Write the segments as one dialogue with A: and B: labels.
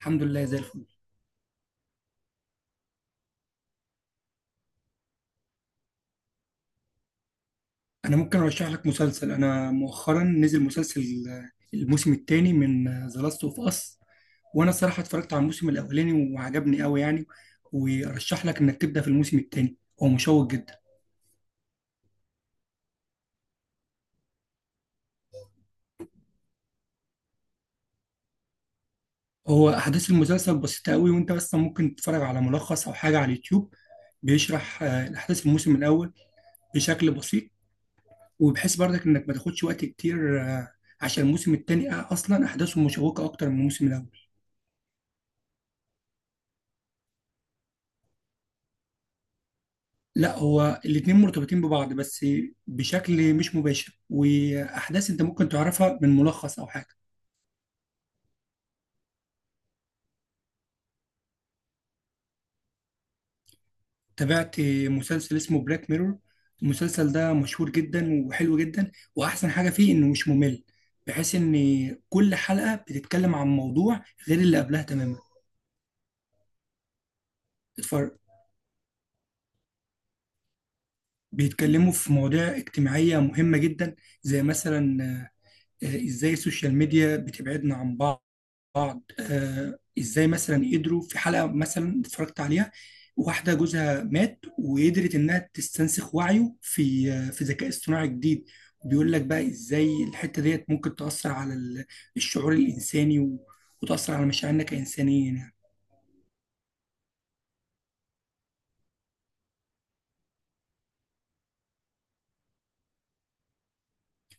A: الحمد لله زي الفل. انا ممكن ارشح لك مسلسل. انا مؤخرا نزل مسلسل، الموسم الثاني من ذا لاست اوف اس. وانا الصراحه اتفرجت على الموسم الاولاني وعجبني قوي يعني. وارشح لك انك تبدا في الموسم الثاني. هو مشوق جدا. هو احداث المسلسل بسيطه قوي، وانت بس ممكن تتفرج على ملخص او حاجه على اليوتيوب بيشرح الاحداث في الموسم الاول بشكل بسيط. وبحيث برضك انك ما تاخدش وقت كتير. عشان الموسم الثاني اصلا احداثه مشوقه اكتر من الموسم الاول. لا، هو الاتنين مرتبطين ببعض، بس بشكل مش مباشر، واحداث انت ممكن تعرفها من ملخص او حاجه. تابعت مسلسل اسمه بلاك ميرور. المسلسل ده مشهور جدا وحلو جدا، واحسن حاجه فيه انه مش ممل، بحيث ان كل حلقه بتتكلم عن موضوع غير اللي قبلها تماما. اتفرج. بيتكلموا في مواضيع اجتماعيه مهمه جدا، زي مثلا ازاي السوشيال ميديا بتبعدنا عن بعض. ازاي مثلا قدروا في حلقه مثلا اتفرجت عليها، واحده جوزها مات وقدرت انها تستنسخ وعيه في ذكاء اصطناعي جديد. وبيقول لك بقى ازاي الحته ديت ممكن تاثر على الشعور الانساني وتاثر على مشاعرنا كانسانيين يعني.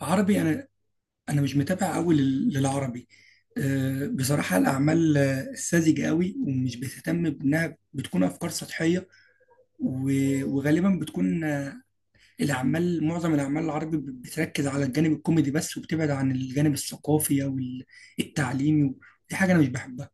A: عربي؟ انا انا مش متابع قوي للعربي. بصراحه الاعمال ساذجه قوي ومش بتهتم بانها بتكون افكار سطحيه. وغالبا بتكون. معظم الأعمال العربي بتركز على الجانب الكوميدي بس، وبتبعد عن الجانب الثقافي أو التعليمي. دي حاجة أنا مش بحبها.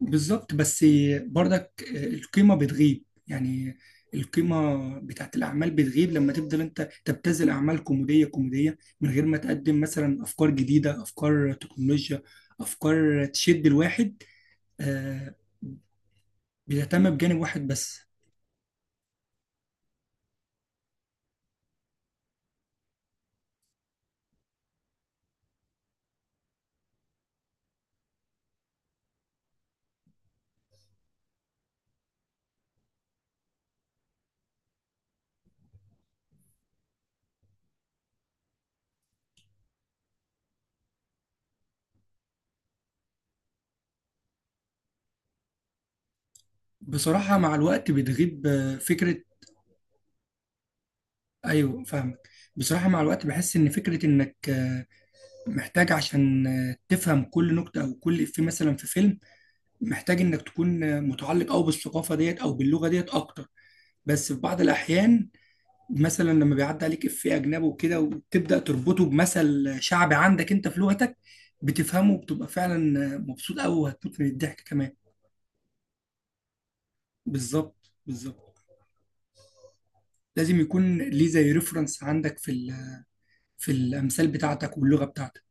A: بالظبط، بس برضك القيمة بتغيب يعني. القيمة بتاعت الأعمال بتغيب لما تفضل أنت تبتذل أعمال كوميدية كوميدية من غير ما تقدم مثلا أفكار جديدة، أفكار تكنولوجيا، أفكار تشد الواحد آه، بيهتم بجانب واحد بس. بصراحة مع الوقت بتغيب فكرة. ايوه فاهمك. بصراحه مع الوقت بحس ان فكره انك محتاج عشان تفهم كل نكته او كل افيه مثلا في فيلم، محتاج انك تكون متعلق او بالثقافه ديت او باللغه ديت اكتر، بس في بعض الاحيان مثلا لما بيعدي عليك افيه اجنبي وكده وتبدا تربطه بمثل شعبي عندك انت في لغتك، بتفهمه وبتبقى فعلا مبسوط قوي وهتموت من الضحك كمان. بالظبط بالظبط. لازم يكون ليه زي ريفرنس عندك في الامثال بتاعتك واللغه بتاعتك.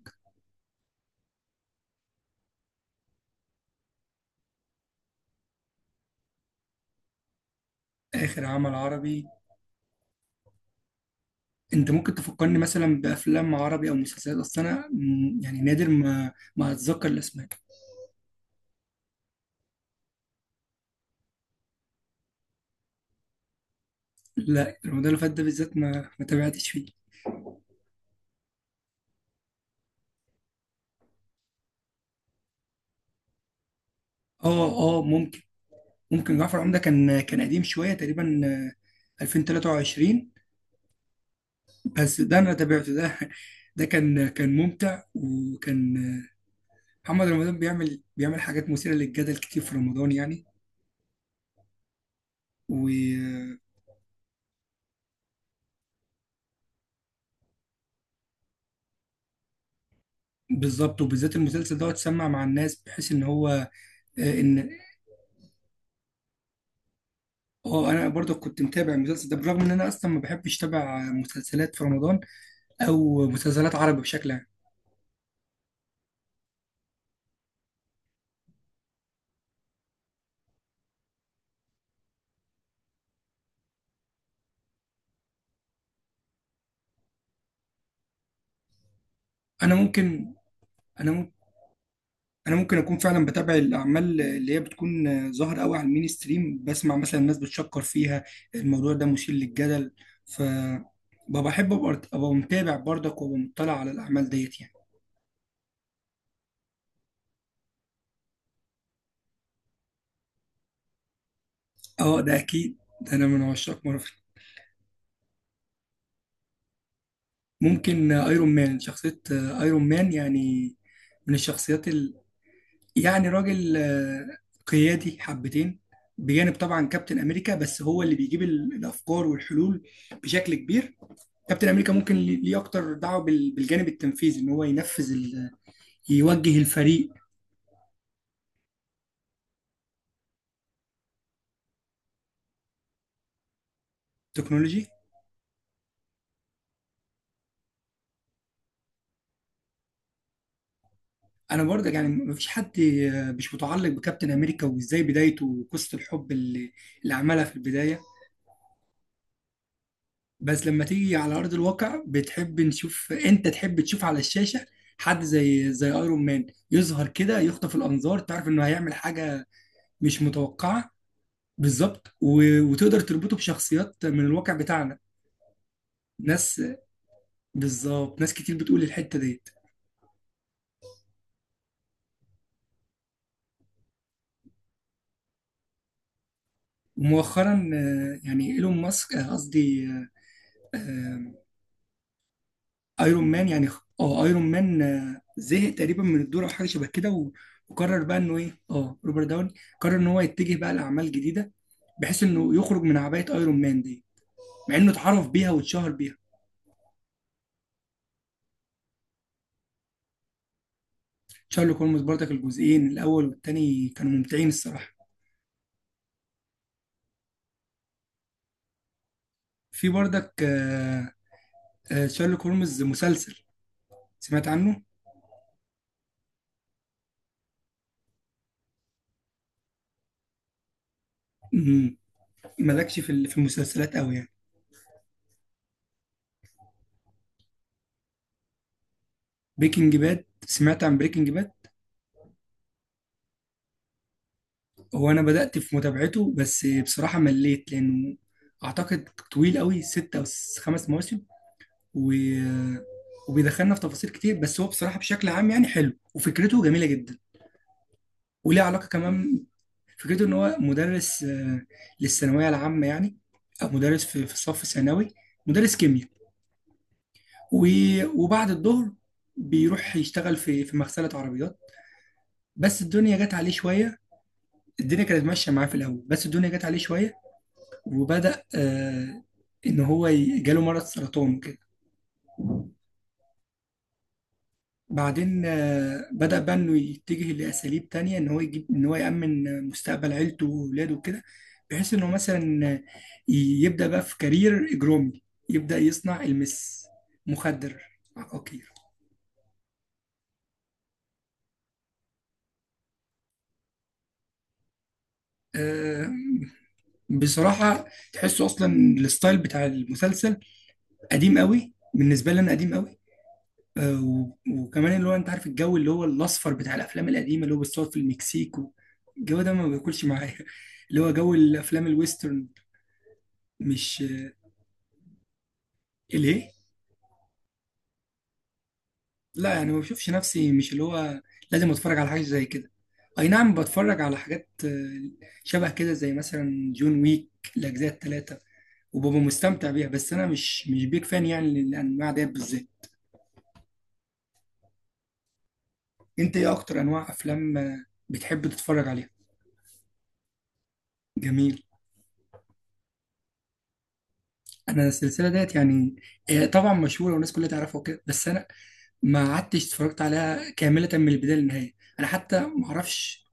A: اخر عمل عربي؟ انت ممكن تفكرني مثلا بافلام عربي او مسلسلات، اصل انا يعني نادر ما اتذكر الاسماء. لا، رمضان اللي فات ده بالذات ما تابعتش فيه. اه اه، ممكن. ممكن جعفر العمدة كان قديم شويه تقريبا، 2023. بس ده انا تابعته ده. ده كان ممتع، وكان. محمد رمضان بيعمل حاجات مثيره للجدل كتير في رمضان يعني. وبالظبط وبالذات، المسلسل ده اتسمع مع الناس بحيث ان هو. ان اه، انا برضه كنت متابع المسلسل ده، بالرغم ان انا اصلا ما بحبش اتابع مسلسلات في رمضان او مسلسلات عربي بشكل عام. انا ممكن انا ممكن انا ممكن اكون فعلا بتابع الاعمال اللي هي بتكون ظاهره قوي على المين ستريم، بسمع مثلا الناس بتشكر فيها. الموضوع ده مثير للجدل. ف ببقى بحب أبقى متابع برضك، وابقى مطلع على الاعمال ديت يعني. اه، ده اكيد، ده انا من عشاق مارفل. ممكن ايرون مان، شخصيه ايرون مان يعني. من الشخصيات. يعني راجل قيادي حبتين، بجانب طبعا كابتن امريكا، بس هو اللي بيجيب الافكار والحلول بشكل كبير. كابتن امريكا ممكن ليه اكتر دعوه بالجانب التنفيذي، ان هو ينفذ يوجه الفريق. تكنولوجي. انا برضه يعني مفيش حد مش متعلق بكابتن امريكا، وازاي بدايته وقصه الحب اللي عملها في البدايه. بس لما تيجي على أرض الواقع، بتحب نشوف أنت تحب تشوف على الشاشة حد زي ايرون مان يظهر كده يخطف الأنظار، تعرف إنه هيعمل حاجة مش متوقعة. بالظبط. وتقدر تربطه بشخصيات من الواقع بتاعنا. ناس بالظبط، ناس كتير بتقول الحتة ديت. ومؤخرا يعني ايلون ماسك، قصدي آه، ايرون مان، يعني اه ايرون مان زهق تقريبا من الدور او حاجه شبه كده، وقرر بقى انه ايه، اه، روبرت داوني قرر ان هو يتجه بقى لاعمال جديده، بحيث انه يخرج من عبايه ايرون مان دي، مع انه اتعرف بيها واتشهر بيها. شارلوك هولمز برضك، الجزئين الاول والتاني كانوا ممتعين الصراحه. في برضك شارلوك هولمز مسلسل، سمعت عنه. مم. مالكش في المسلسلات قوي يعني. بريكنج باد، سمعت عن بريكنج باد. هو انا بدأت في متابعته، بس بصراحة مليت لانه اعتقد طويل قوي، ستة او خمس مواسم و... وبيدخلنا في تفاصيل كتير، بس هو بصراحة بشكل عام يعني حلو، وفكرته جميلة جدا، وليه علاقة كمان. فكرته ان هو مدرس للثانوية العامة يعني، او مدرس في صف ثانوي، مدرس كيمياء و... وبعد الظهر بيروح يشتغل في مغسلة عربيات، بس الدنيا جت عليه شوية. الدنيا كانت ماشية معاه في الأول، بس الدنيا جت عليه شوية. وبدأ إن هو جاله مرض سرطان كده. بعدين بدأ بقى إنه يتجه لأساليب تانية، إن هو يجيب، إن هو يأمن مستقبل عيلته وولاده وكده، بحيث إنه مثلا يبدأ بقى في كارير إجرامي، يبدأ يصنع مخدر، عقاقير. آه، بصراحة، تحسه أصلا الستايل بتاع المسلسل قديم قوي بالنسبة لي، أنا قديم قوي وكمان اللي هو انت عارف الجو اللي هو الاصفر بتاع الافلام القديمه، اللي هو بتصور في المكسيك، الجو ده ما بياكلش معايا اللي هو جو الافلام الويسترن، مش. ليه؟ لا، يعني ما بشوفش نفسي، مش اللي هو لازم اتفرج على حاجه زي كده. اي نعم، بتفرج على حاجات شبه كده زي مثلا جون ويك، الاجزاء الثلاثه، وببقى مستمتع بيها، بس انا مش بيك فان يعني للانواع ديت بالذات. انت ايه اكتر انواع افلام بتحب تتفرج عليها؟ جميل. انا السلسله ديت يعني طبعا مشهوره والناس كلها تعرفها وكده، بس انا ما قعدتش اتفرجت عليها كامله من البدايه للنهايه، انا حتى ما اعرفش.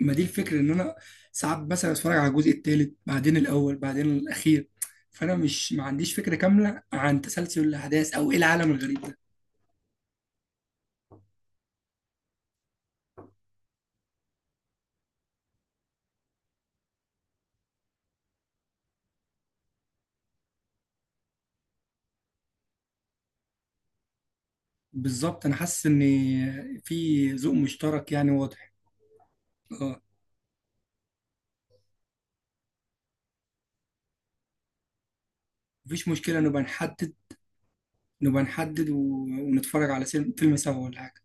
A: ما دي الفكره، ان انا ساعات مثلا اتفرج على الجزء الثالث بعدين الاول بعدين الاخير، فانا مش ما عنديش فكره كامله عن تسلسل الاحداث او ايه العالم الغريب ده. بالظبط. انا حاسس ان في ذوق مشترك يعني واضح. اه، مفيش مشكله، نبقى نحدد. نبقى نحدد، ونتفرج على فيلم سوا ولا حاجه.